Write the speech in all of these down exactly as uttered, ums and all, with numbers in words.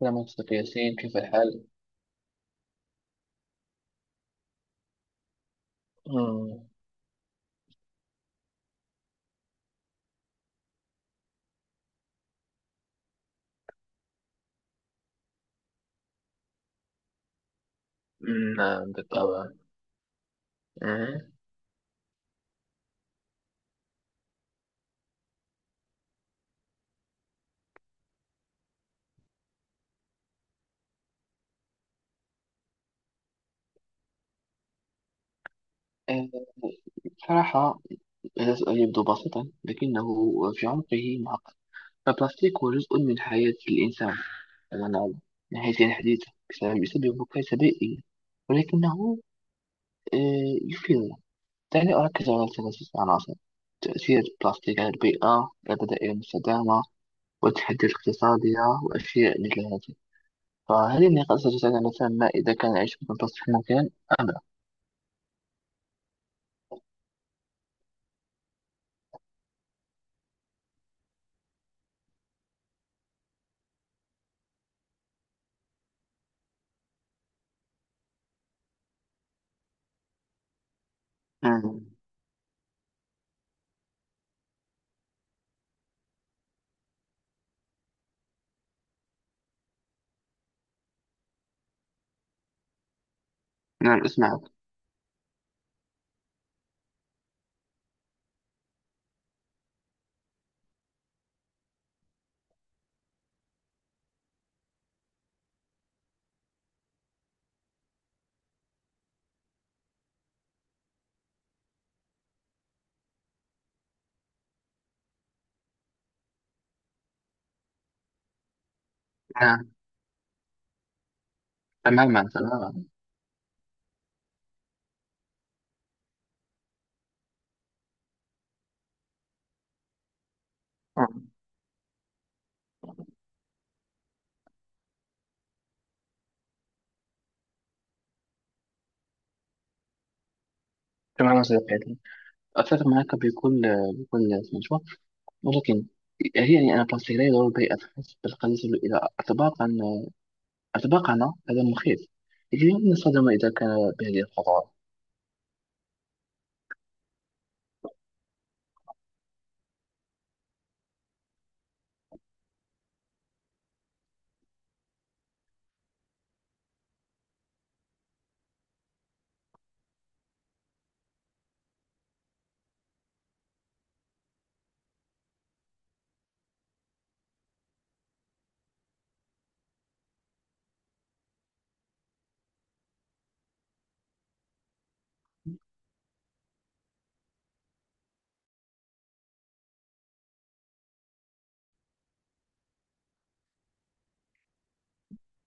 كده منطق ياسين، كيف الحال؟ مم. مم، نعم بالطبع. أه. آه، بصراحة هذا السؤال يبدو بسيطا، لكنه في عمقه معقد. البلاستيك هو جزء من حياة الإنسان كما نعلم، من حيث الحديثة بسبب يسبب كارثة بيئية، ولكنه آه، يفيدنا. دعني أركز على ثلاثة عناصر: تأثير البلاستيك على البيئة، البدائل المستدامة، والتحديات الاقتصادية وأشياء مثل هذه. فهل النقاش يتساءل مثلا إذا كان العيش بدون تصريف ممكن أم لا؟ أمم، نعم أسمعك. نعم، تماما تماما. أمم، تماما صديقي، أتفق معك بكل بكل سمجوة. ولكن هي يعني أنا بلاستيك لا يضر بأتحس بالقليل إلى أطباقا أطباقنا، هذا مخيف. لكن يمكن استخدامه إذا كان بهذه الخطوات.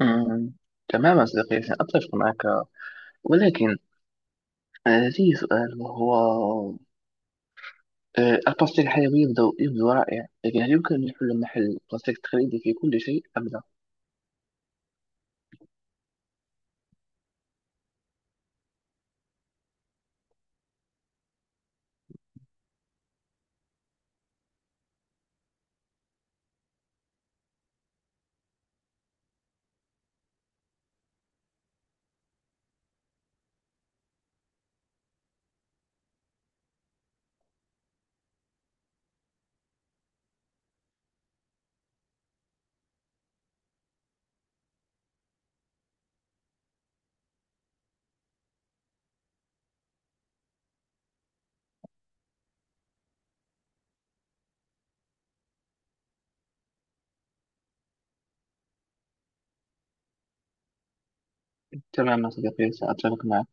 أمم، تماما صديقي، أتفق معك. ولكن آه، لدي سؤال، وهو آه، البلاستيك الحيوي يبدو يبدو رائع. لكن هل يمكن أن يحل محل البلاستيك التقليدي في كل شيء أبدا؟ تماما صديقي، سأتفق معك.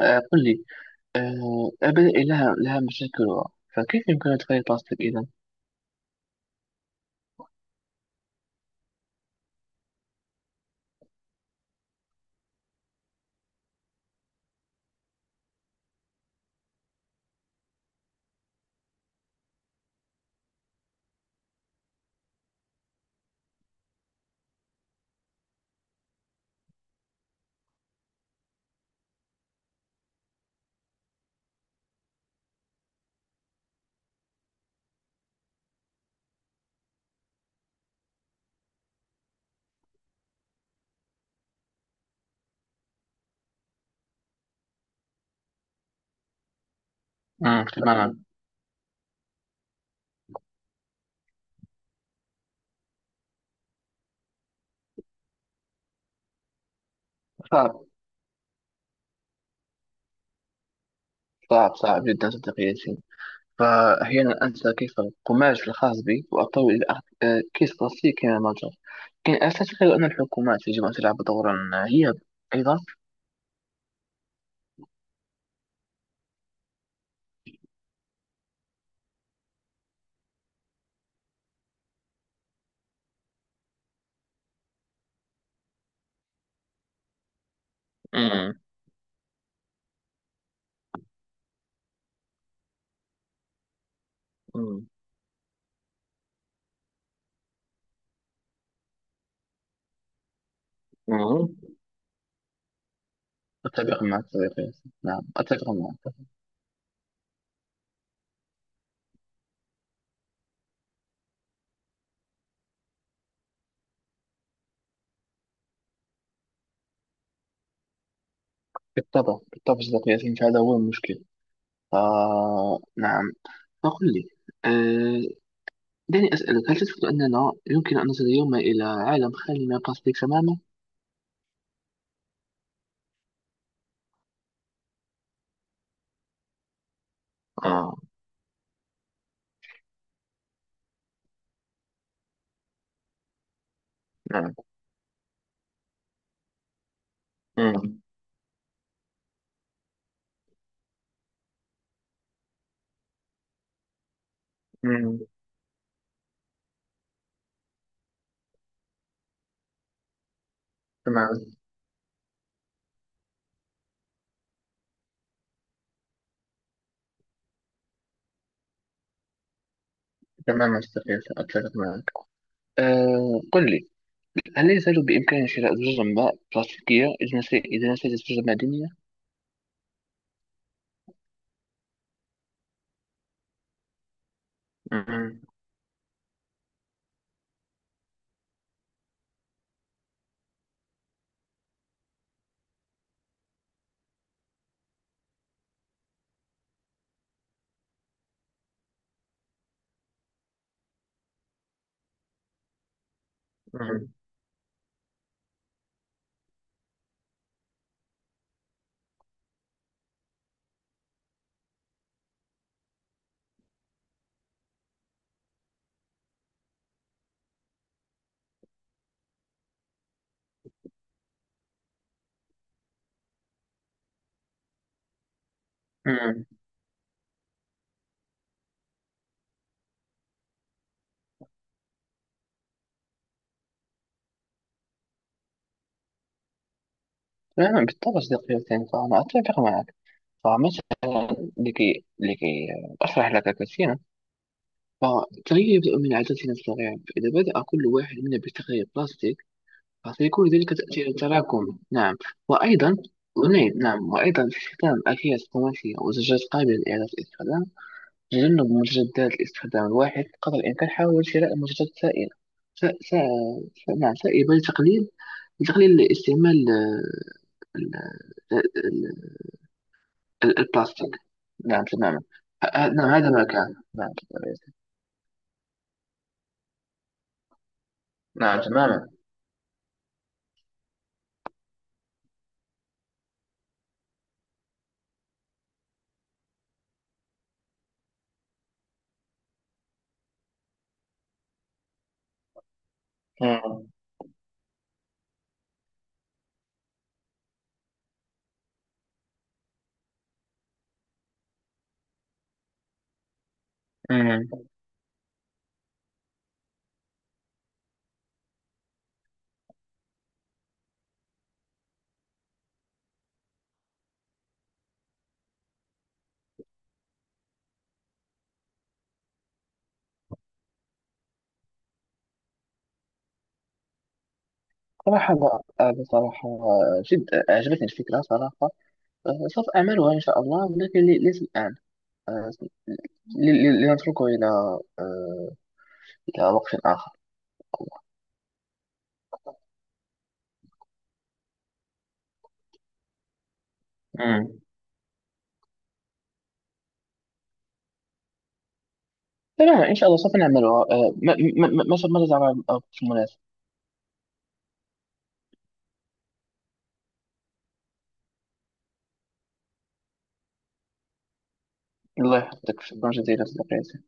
آه، قل لي، آه، البدائل لها لها مشاكلها، فكيف يمكن أن تغير البلاستيك إذا؟ مم، تماما. صعب، صعب صعب جدا صديقي ياسين. فأحيانا أنسى كيف القماش الخاص بي وأضطر إلى أخذ آه، كيس بلاستيك كمتجر. لكن أعتقد أن الحكومات يجب أن تلعب دورا هي أيضا. مم. مم. مم. أتفق معك صديقي ياسين، نعم أتفق معك. بالطبع بالطبع صديقي ياسين، فهذا هو المشكل. آه نعم. فقل لي، آه، دعني أسألك، هل تثبت أننا يمكن أن نصل يوما إلى عالم خالي من البلاستيك تماما؟ آه نعم. مم. مم. تماما. تماما صديقي ياسين، أتفق معك. آه قل لي، هل لا يزال بإمكاني شراء زجاج ماء بلاستيكية إذا نسيت إذا نسيت الزجاج المعدنية؟ مم. مم. مم. نعم بالطبع صديقي ياسين، فأنا أتفق معك. فمثلا لكي لكي أشرح لك كثيرا، فالتغيير يبدأ من عاداتنا الصغيرة. فإذا بدأ كل واحد منا بتغيير بلاستيك فسيكون ذلك تأثير تراكمي. نعم. وأيضا، ونعم، نعم وأيضا استخدام أكياس قماشية وزجاج قابلة لإعادة الاستخدام، تجنب مجدات الاستخدام الواحد قدر الإمكان. حاول شراء منتجات سائلة. س... س... س... نعم سائبة، لتقليل لتقليل استعمال آه، ال... ال... ال- البلاستيك. نعم تماما. ه- ه- نعم هذا ما كان. نعم تماما. نعم تماما. مم. صراحة لا. آه، بصراحة آه، جد أعجبتني الفكرة صراحة. آه، سوف أعملها إن شاء الله، ولكن لي- ليس الآن. آه، لي- لي- لنتركه إلى آه، إلى وقت آخر. مم. تمام إن شاء الله سوف نعملها. آه، ما ما- ما- ما- ماذا ترى في المناسب؟ الله يحفظك، شكرا جزيلا صديقي.